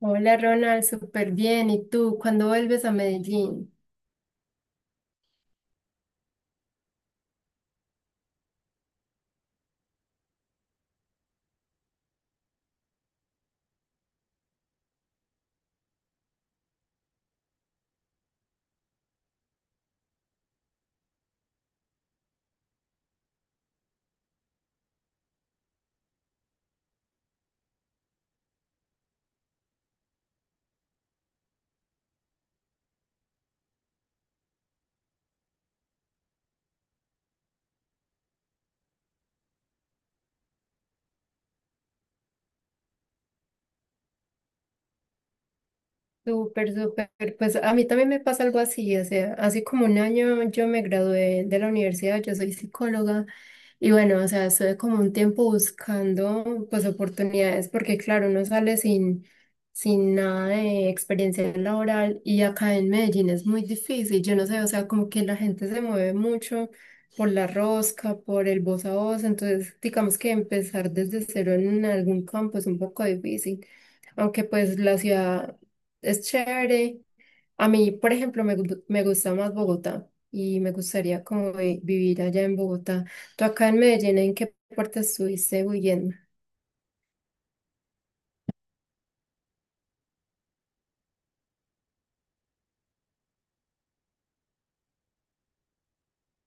Hola Ronald, súper bien. ¿Y tú? ¿Cuándo vuelves a Medellín? Súper, súper. Pues a mí también me pasa algo así, o sea, hace como un año yo me gradué de la universidad, yo soy psicóloga. Y bueno, o sea, estuve como un tiempo buscando pues oportunidades porque claro, uno sale sin nada de experiencia laboral y acá en Medellín es muy difícil. Yo no sé, o sea, como que la gente se mueve mucho por la rosca, por el voz a voz, entonces digamos que empezar desde cero en algún campo es un poco difícil. Aunque pues la ciudad es chévere a mí, por ejemplo, me gusta más Bogotá y me gustaría como vivir allá en Bogotá. ¿Tú acá en Medellín, en qué parte estuviste huyendo?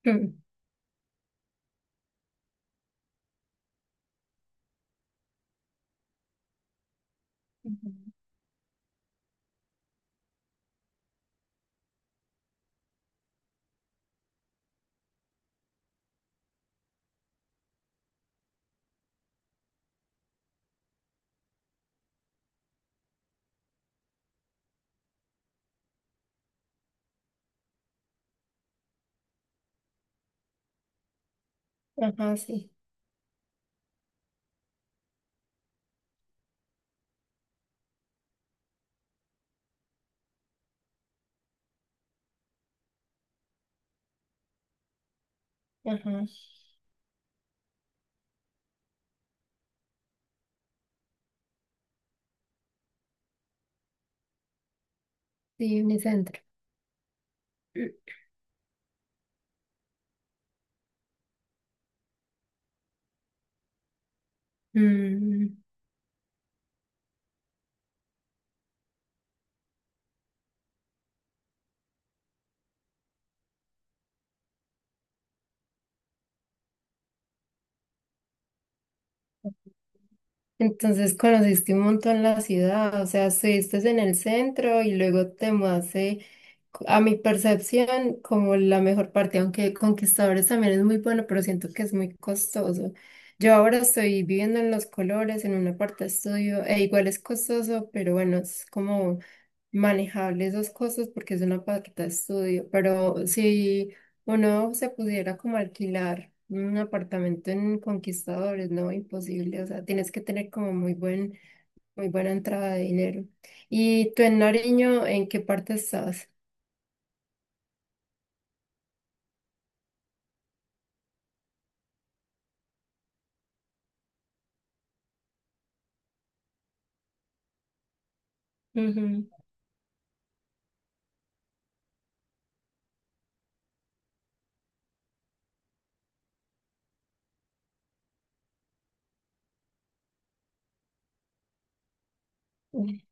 Mm, Ujú. Ajá, sí. Ajá, sí, mi centro. Mm, Entonces conociste un montón la ciudad, o sea, estuviste en el centro y luego te mudaste, a mi percepción, como la mejor parte, aunque Conquistadores también es muy bueno, pero siento que es muy costoso. Yo ahora estoy viviendo en Los Colores, en una parte estudio, e igual es costoso, pero bueno, es como manejable esos costos porque es una paqueta de estudio, pero si uno se pudiera como alquilar un apartamento en Conquistadores, no, imposible, o sea, tienes que tener como muy buen, muy buena entrada de dinero. ¿Y tú en Nariño, en qué parte estás? Ujú.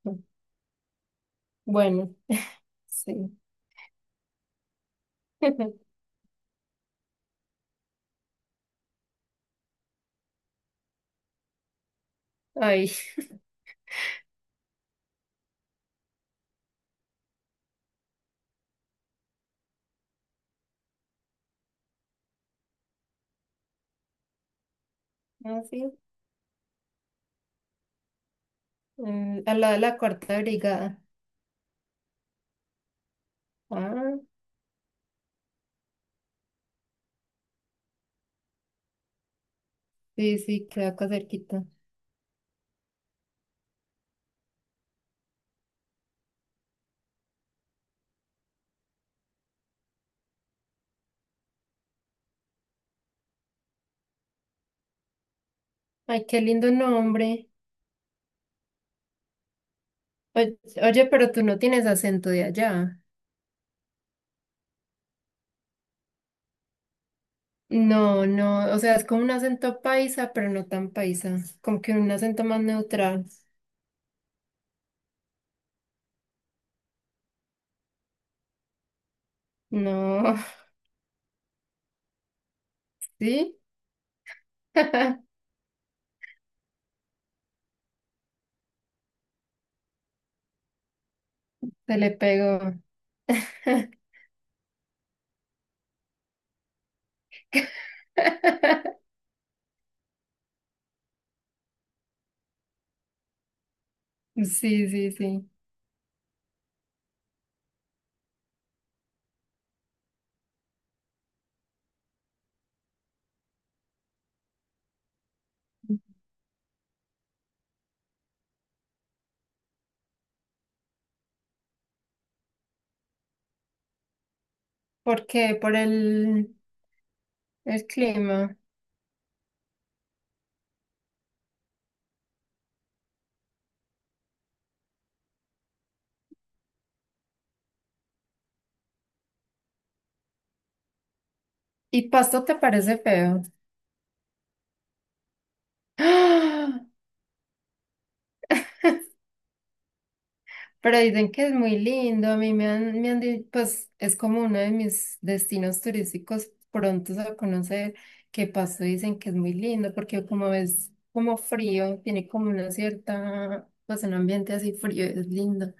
Ujú. Bueno, sí. Ay, ah, sí. Al lado de la cuarta brigada. Ah, sí, sí, queda acá cerquita. Ay, qué lindo nombre. Oye, pero tú no tienes acento de allá. No, no, o sea, es como un acento paisa, pero no tan paisa, como que un acento más neutral. No, ¿sí? Se le pegó. Sí, sí, sí. ¿Por qué? Por el clima. ¿Y Pasto te parece feo? Pero dicen que es muy lindo, a mí me han, pues es como uno de mis destinos turísticos prontos a conocer, que Pasto dicen que es muy lindo, porque como es como frío, tiene como una cierta, pues un ambiente así frío, es lindo,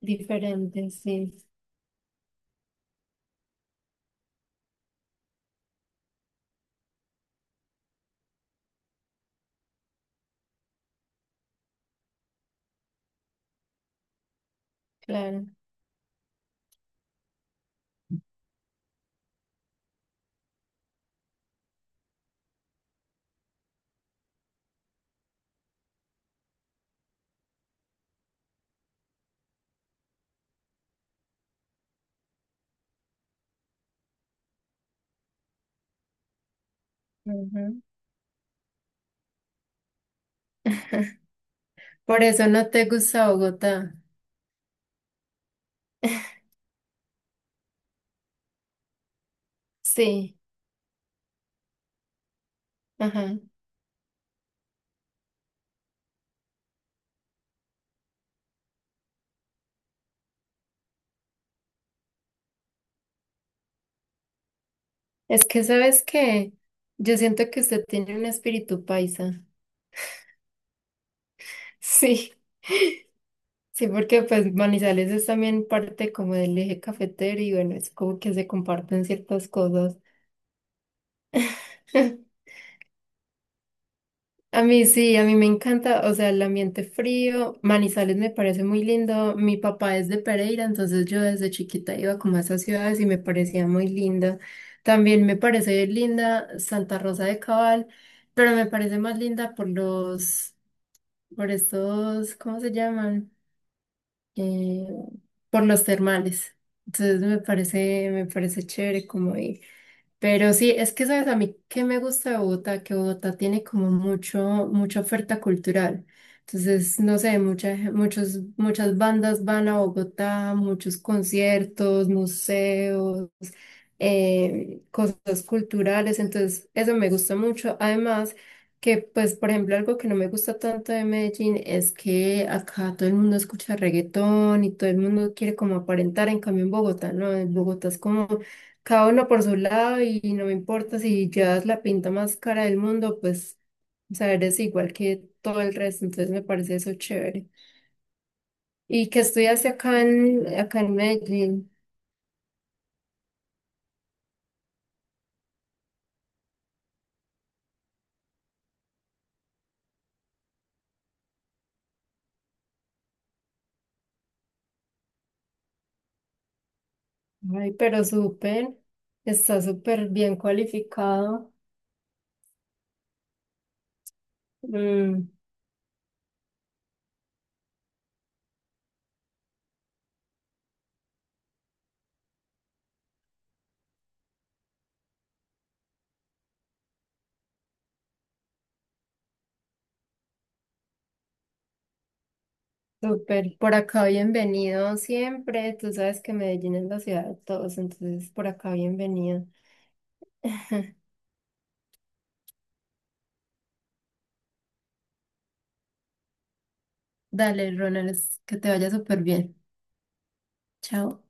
diferente, sí, claro. Ujú. Por eso no te gusta Bogotá. Sí, ajá. Es que sabes que yo siento que usted tiene un espíritu paisa. Sí. Sí, porque pues Manizales es también parte como del eje cafetero y bueno, es como que se comparten ciertas cosas. A mí sí, a mí me encanta, o sea, el ambiente frío, Manizales me parece muy lindo. Mi papá es de Pereira, entonces yo desde chiquita iba como a esas ciudades y me parecía muy linda. También me parece linda Santa Rosa de Cabal, pero me parece más linda por los, por estos, ¿cómo se llaman? Eh, por los termales. Entonces me parece chévere como ir. Pero sí, es que sabes a mí que me gusta de Bogotá, que Bogotá tiene como mucho, mucha oferta cultural. Entonces, no sé, muchas, muchos, muchas bandas van a Bogotá, muchos conciertos, museos, cosas culturales. Entonces, eso me gusta mucho. Además, que pues, por ejemplo, algo que no me gusta tanto de Medellín es que acá todo el mundo escucha reggaetón y todo el mundo quiere como aparentar, en cambio en Bogotá, ¿no? En Bogotá es como cada uno por su lado y no me importa si llevas la pinta más cara del mundo, pues, o sea, eres igual que todo el resto, entonces me parece eso chévere. Y que estudiaste acá en, acá en Medellín, ay, pero súper, está súper bien cualificado. Mm. Súper, por acá bienvenido siempre. Tú sabes que Medellín es la ciudad de todos, entonces por acá bienvenido. Dale, Ronald, que te vaya súper bien. Chao.